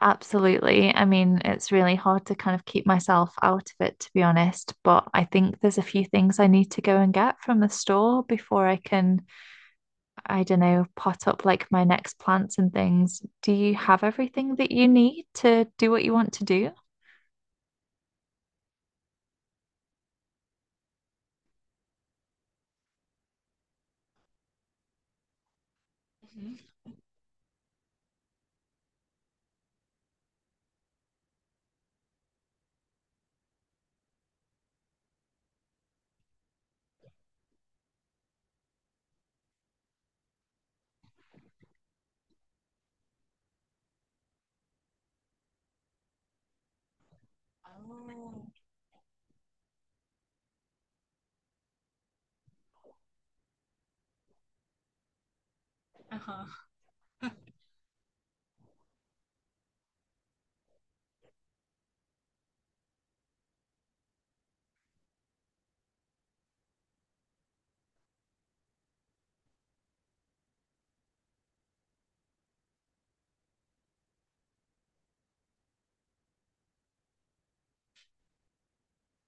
Absolutely. I mean, it's really hard to kind of keep myself out of it, to be honest, but I think there's a few things I need to go and get from the store before I can, I don't know, pot up like my next plants and things. Do you have everything that you need to do what you want to do?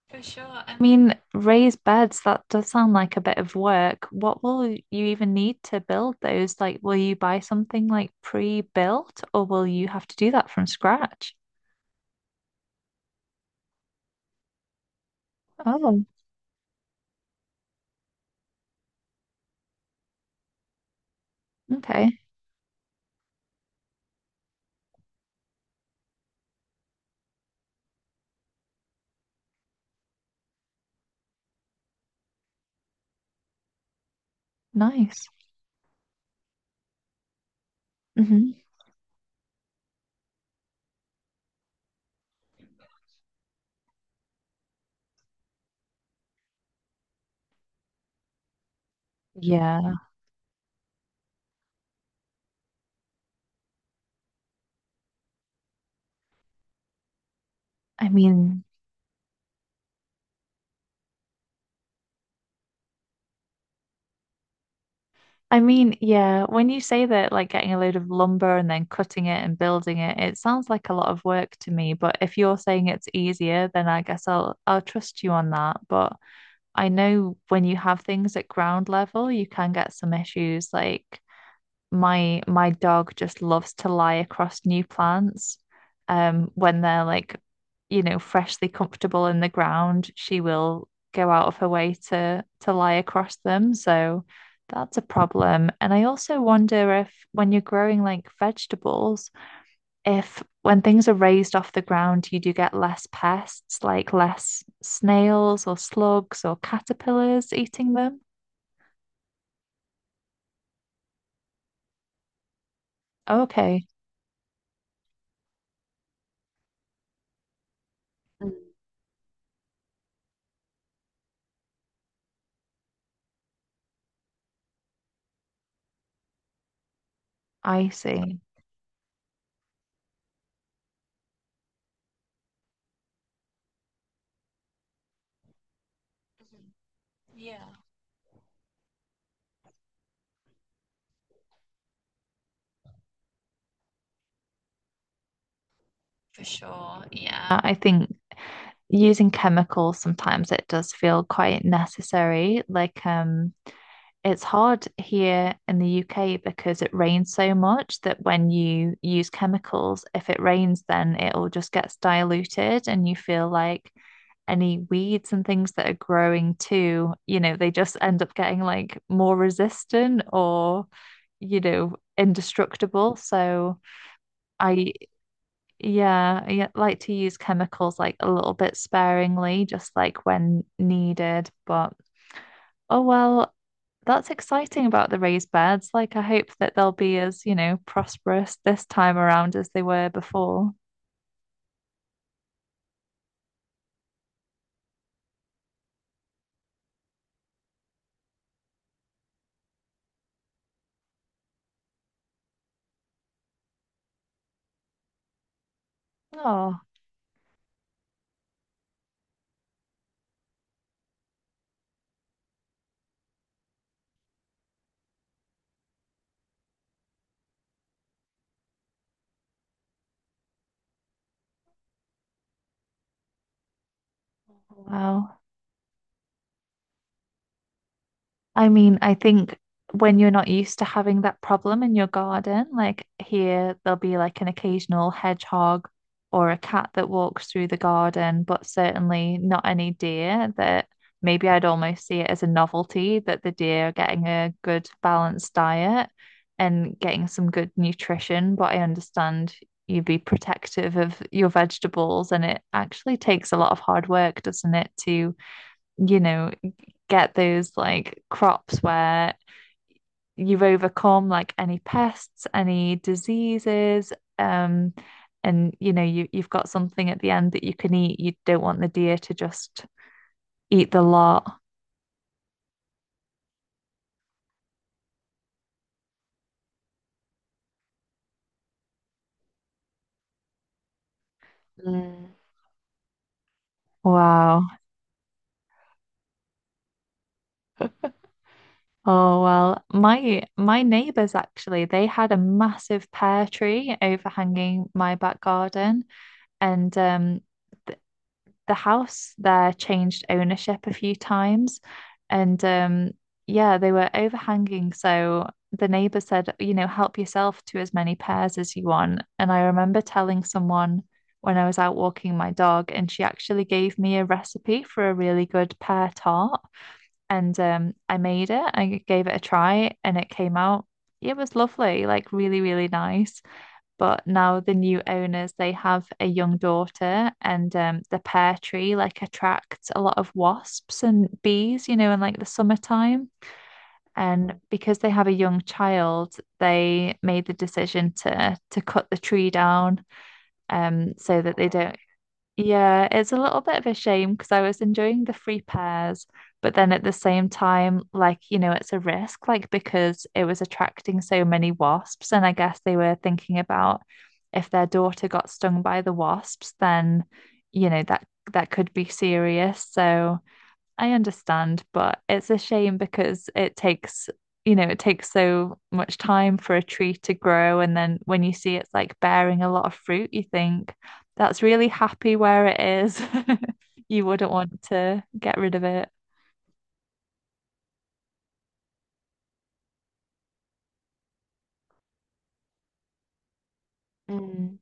For sure. I mean, raised beds, that does sound like a bit of work. What will you even need to build those? Like, will you buy something like pre-built or will you have to do that from scratch? Oh, okay. Nice. Hmm. Yeah. I mean, I mean, yeah, when you say that, like getting a load of lumber and then cutting it and building it, it sounds like a lot of work to me. But if you're saying it's easier, then I guess I'll trust you on that. But I know when you have things at ground level, you can get some issues. Like my dog just loves to lie across new plants. When they're like, you know, freshly comfortable in the ground, she will go out of her way to lie across them. So that's a problem. And I also wonder if when you're growing like vegetables, if when things are raised off the ground, you do get less pests, like less snails or slugs or caterpillars eating them. Okay, I see. Yeah. I think using chemicals sometimes it does feel quite necessary. Like it's hard here in the UK because it rains so much that when you use chemicals, if it rains, then it all just gets diluted and you feel like any weeds and things that are growing too, you know, they just end up getting like more resistant or, you know, indestructible. So I yeah, I like to use chemicals like a little bit sparingly, just like when needed. But oh well, that's exciting about the raised beds. Like I hope that they'll be as, you know, prosperous this time around as they were before. Oh, wow. I mean, I think when you're not used to having that problem in your garden, like here, there'll be like an occasional hedgehog or a cat that walks through the garden, but certainly not any deer that maybe I'd almost see it as a novelty that the deer are getting a good balanced diet and getting some good nutrition. But I understand you'd be protective of your vegetables, and it actually takes a lot of hard work, doesn't it, to you know, get those like crops where you've overcome like any pests, any diseases, um, and you know you you've got something at the end that you can eat. You don't want the deer to just eat the lot. Mm. Wow. Oh well, my neighbors actually, they had a massive pear tree overhanging my back garden and the house there changed ownership a few times. And yeah, they were overhanging. So the neighbor said, you know, help yourself to as many pears as you want. And I remember telling someone when I was out walking my dog, and she actually gave me a recipe for a really good pear tart. And I made it, I gave it a try, and it came out. It was lovely, like really, really nice. But now the new owners, they have a young daughter, and the pear tree like attracts a lot of wasps and bees, you know, in like the summertime. And because they have a young child, they made the decision to cut the tree down, so that they don't yeah, it's a little bit of a shame because I was enjoying the free pairs, but then at the same time, like, you know, it's a risk, like, because it was attracting so many wasps. And I guess they were thinking about if their daughter got stung by the wasps, then, you know, that could be serious. So. I understand, but it's a shame because it takes, you know, it takes so much time for a tree to grow. And then when you see it's like bearing a lot of fruit, you think that's really happy where it is. You wouldn't want to get rid of it. Mm,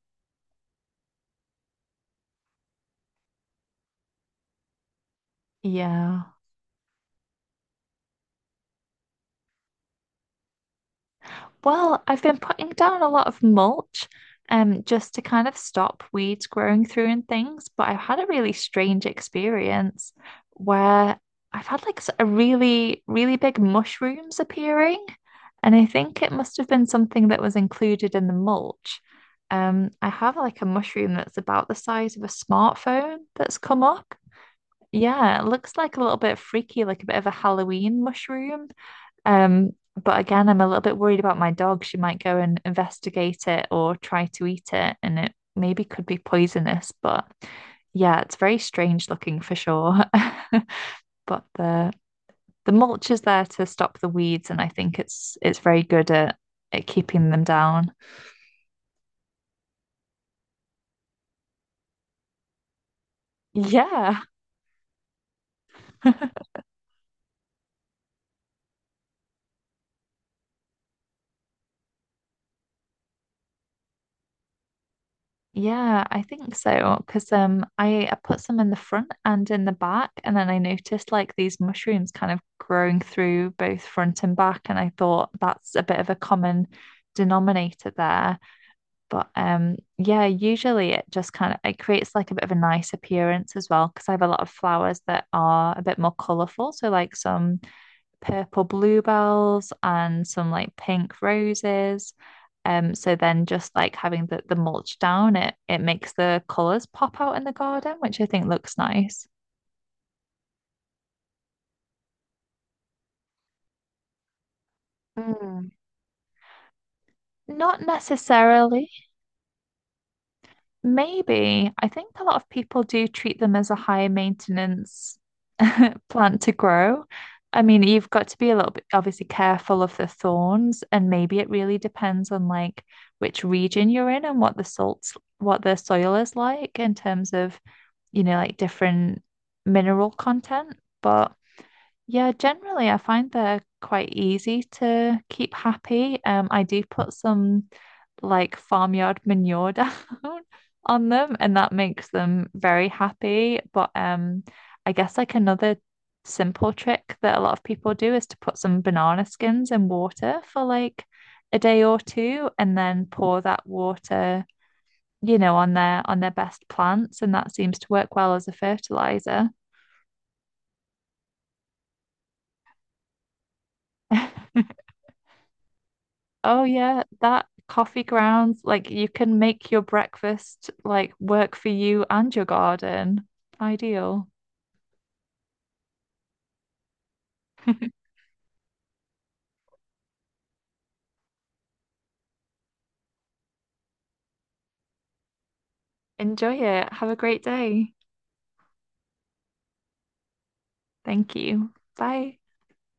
yeah. Well, I've been putting down a lot of mulch, just to kind of stop weeds growing through and things. But I've had a really strange experience where I've had a really, really big mushrooms appearing, and I think it must have been something that was included in the mulch. I have like a mushroom that's about the size of a smartphone that's come up. Yeah, it looks like a little bit freaky, like a bit of a Halloween mushroom. Um, but again, I'm a little bit worried about my dog. She might go and investigate it or try to eat it, and it maybe could be poisonous. But yeah, it's very strange looking for sure. But the mulch is there to stop the weeds, and I think it's very good at keeping them down. Yeah. Yeah, I think so. Because I put some in the front and in the back, and then I noticed like these mushrooms kind of growing through both front and back, and I thought that's a bit of a common denominator there. But yeah, usually it just kind of it creates like a bit of a nice appearance as well, because I have a lot of flowers that are a bit more colourful. So like some purple bluebells and some like pink roses. So then just like having the mulch down, it makes the colours pop out in the garden, which I think looks nice. Mm. Not necessarily. Maybe. I think a lot of people do treat them as a high maintenance plant to grow. I mean, you've got to be a little bit obviously careful of the thorns, and maybe it really depends on like which region you're in and what the salts, what the soil is like in terms of you know, like different mineral content. But yeah, generally, I find they're quite easy to keep happy. I do put some like farmyard manure down on them, and that makes them very happy. But I guess like another simple trick that a lot of people do is to put some banana skins in water for like a day or two, and then pour that water you know, on their best plants, and that seems to work well as a fertilizer. Oh yeah, that coffee grounds, like you can make your breakfast like work for you and your garden. Ideal. Enjoy it. Have a great day. Thank you. Bye.